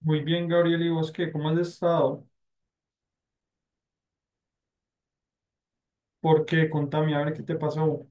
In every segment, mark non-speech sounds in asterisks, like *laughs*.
Muy bien, Gabriel, ¿y vos qué? ¿Cómo has estado? ¿Por qué? Contame, a ver qué te pasó.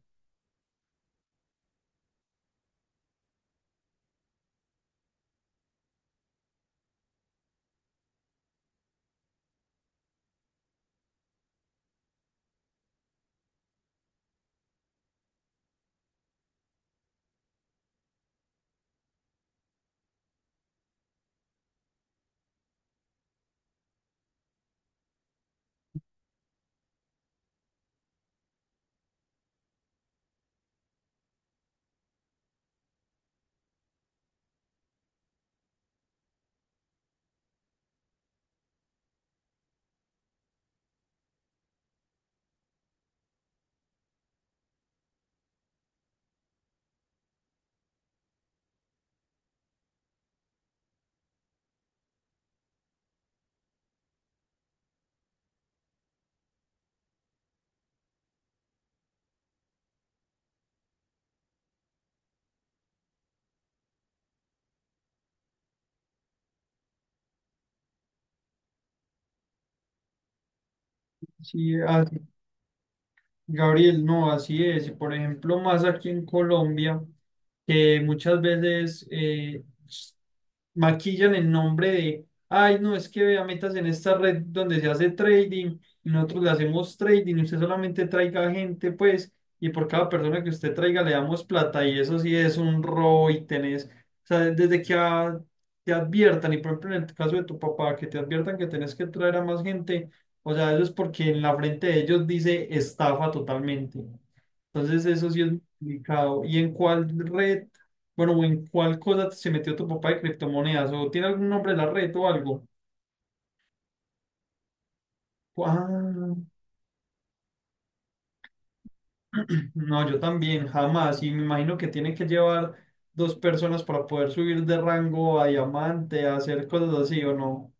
Sí, Gabriel, no, así es. Y por ejemplo, más aquí en Colombia, que muchas veces, maquillan el nombre de, ay, no, es que vea, metas en esta red donde se hace trading, y nosotros le hacemos trading, y usted solamente traiga gente, pues, y por cada persona que usted traiga le damos plata, y eso sí es un robo y tenés, o sea, te adviertan, y por ejemplo en el caso de tu papá, que te adviertan que tenés que traer a más gente, o sea, eso es porque en la frente de ellos dice estafa totalmente. Entonces eso sí es muy complicado. ¿Y en cuál red, bueno, o en cuál cosa se metió tu papá de criptomonedas? ¿O tiene algún nombre la red o algo? Ah, no, yo también, jamás. Y me imagino que tiene que llevar dos personas para poder subir de rango a diamante, a hacer cosas así, ¿o no?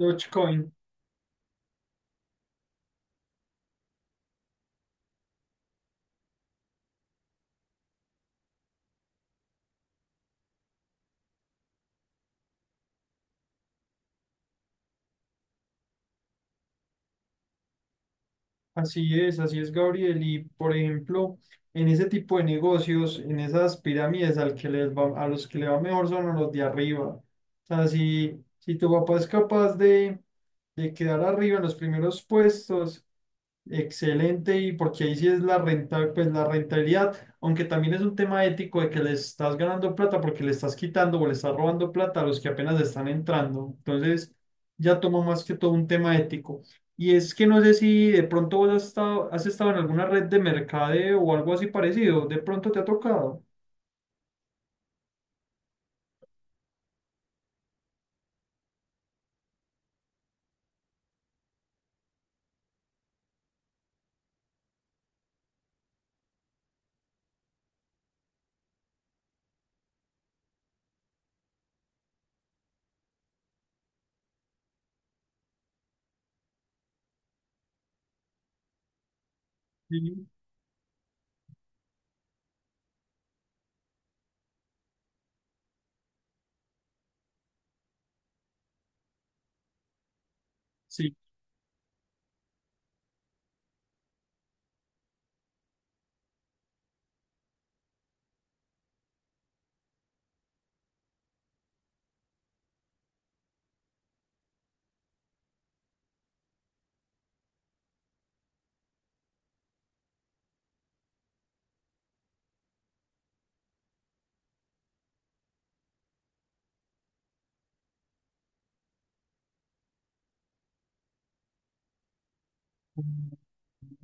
Dogecoin. Así es, Gabriel. Y por ejemplo, en ese tipo de negocios, en esas pirámides, al que les va- a los que le va mejor son a los de arriba. O sea, si tu papá es capaz de quedar arriba en los primeros puestos. Excelente, y porque ahí sí es la renta, pues la rentabilidad, aunque también es un tema ético de que le estás ganando plata porque le estás quitando o le estás robando plata a los que apenas están entrando. Entonces, ya tomo más que todo un tema ético. Y es que no sé si de pronto vos has estado en alguna red de mercadeo o algo así parecido, de pronto te ha tocado. Sí, sí.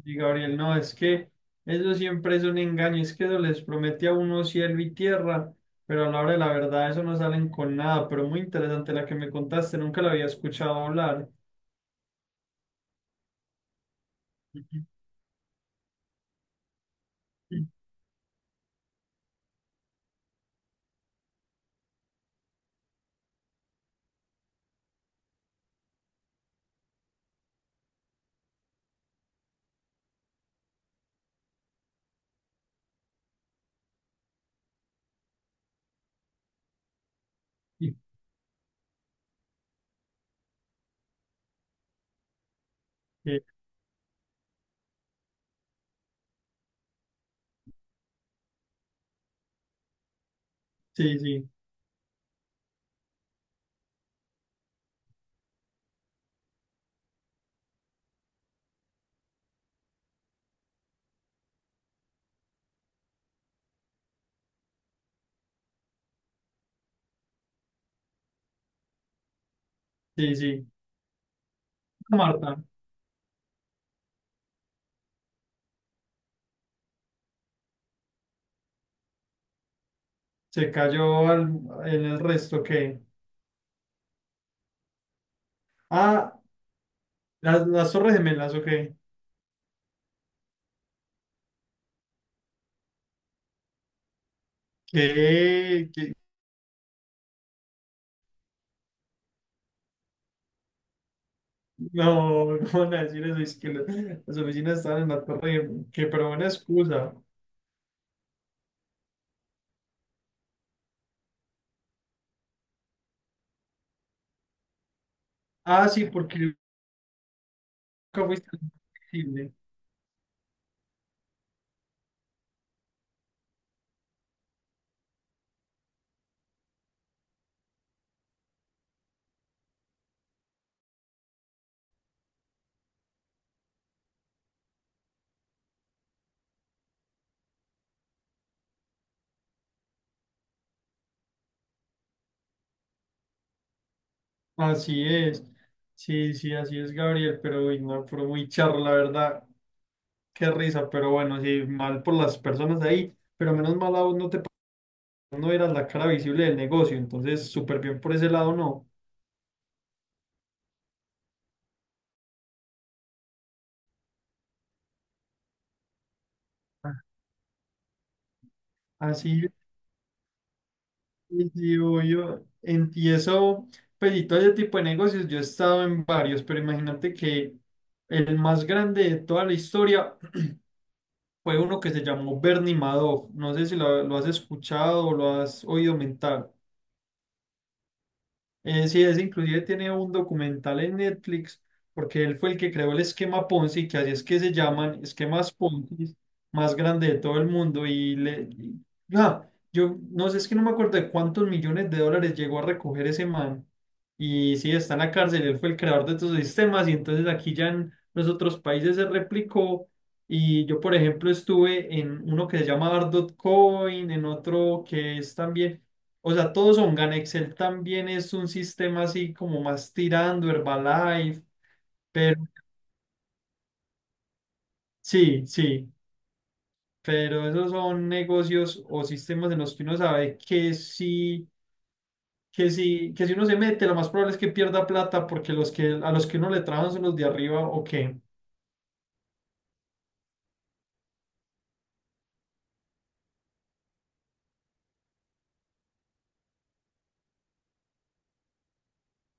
Y Gabriel, no, es que eso siempre es un engaño, es que eso les promete a uno cielo y tierra, pero a la hora de la verdad eso no salen con nada, pero muy interesante la que me contaste, nunca la había escuchado hablar. *laughs* Sí, sí, sí, sí, sí. Marta, se cayó al- en el resto, ¿qué? Ah, las Torres Gemelas, ¿ok? ¿Qué? ¿Qué? No, *laughs* no van a decir eso, las oficinas estaban en la Torre Gemela, que pero buena excusa. Ah, sí, porque nunca fuiste flexible. Así es. Sí, sí, así es, Gabriel, pero uy, no, pero muy charro, la verdad. Qué risa, pero bueno, sí, mal por las personas ahí, pero menos mal a vos no eras la cara visible del negocio, entonces súper bien por ese lado, no. Así es, digo yo, y eso, pues y todo ese tipo de negocios, yo he estado en varios, pero imagínate que el más grande de toda la historia fue uno que se llamó Bernie Madoff. No sé si lo has escuchado o lo has oído mentar. Sí, es inclusive tiene un documental en Netflix porque él fue el que creó el esquema Ponzi, que así es que se llaman esquemas Ponzi más grande de todo el mundo ah, yo no sé, es que no me acuerdo de cuántos millones de dólares llegó a recoger ese man. Y sí, está en la cárcel, él fue el creador de estos sistemas y entonces aquí ya en los otros países se replicó y yo por ejemplo estuve en uno que se llama Ardot Coin, en otro que es también, o sea, todos son Ganexel, también es un sistema así como más tirando Herbalife, pero sí, sí, pero esos son negocios o sistemas en los que uno sabe que sí, que sí, que si uno se mete, lo más probable es que pierda plata porque los que a los que uno le trabajan son los de arriba o.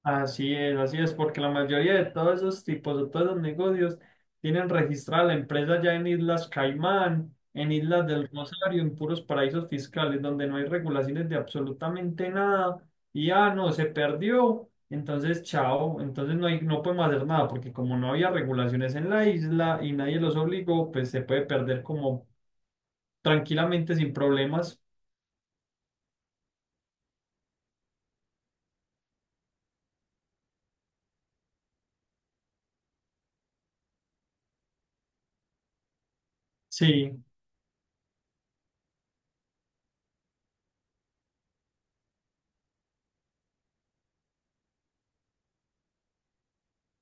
Así es, porque la mayoría de todos esos tipos, de todos esos negocios, tienen registrada la empresa ya en Islas Caimán, en Islas del Rosario, en puros paraísos fiscales, donde no hay regulaciones de absolutamente nada, y ah, no, se perdió, entonces chao, entonces no hay, no podemos hacer nada, porque como no había regulaciones en la isla y nadie los obligó, pues se puede perder como tranquilamente sin problemas. Sí,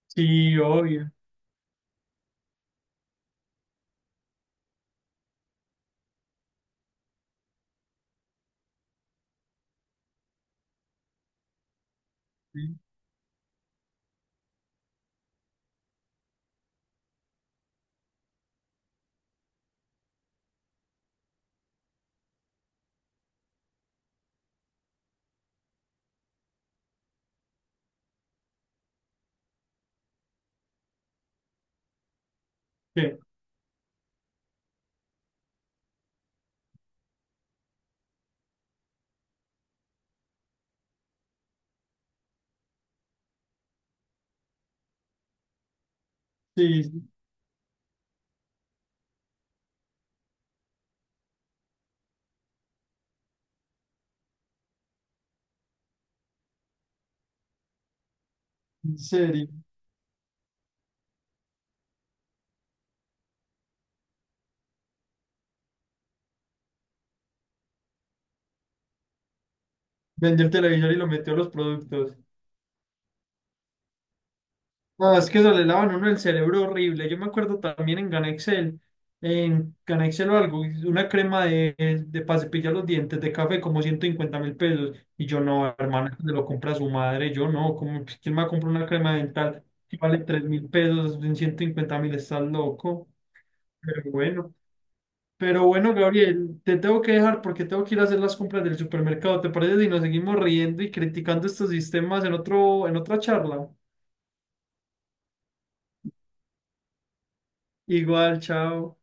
sí, obvio. Sí, ¿qué? Sí, sí, en serio. Vendió el televisor y lo metió a los productos. No, es que eso le lavan a uno el cerebro horrible. Yo me acuerdo también en GANEXEL o algo, una crema de para cepillar los dientes de café como 150.000 pesos. Y yo no, hermana, se lo compra su madre. Yo no, como, ¿quién me va a comprar una crema dental que vale 3.000 pesos en 150.000? Estás loco. Pero bueno. Pero bueno, Gabriel, te tengo que dejar porque tengo que ir a hacer las compras del supermercado. ¿Te parece si nos seguimos riendo y criticando estos sistemas en otro, en otra charla? Igual, chao.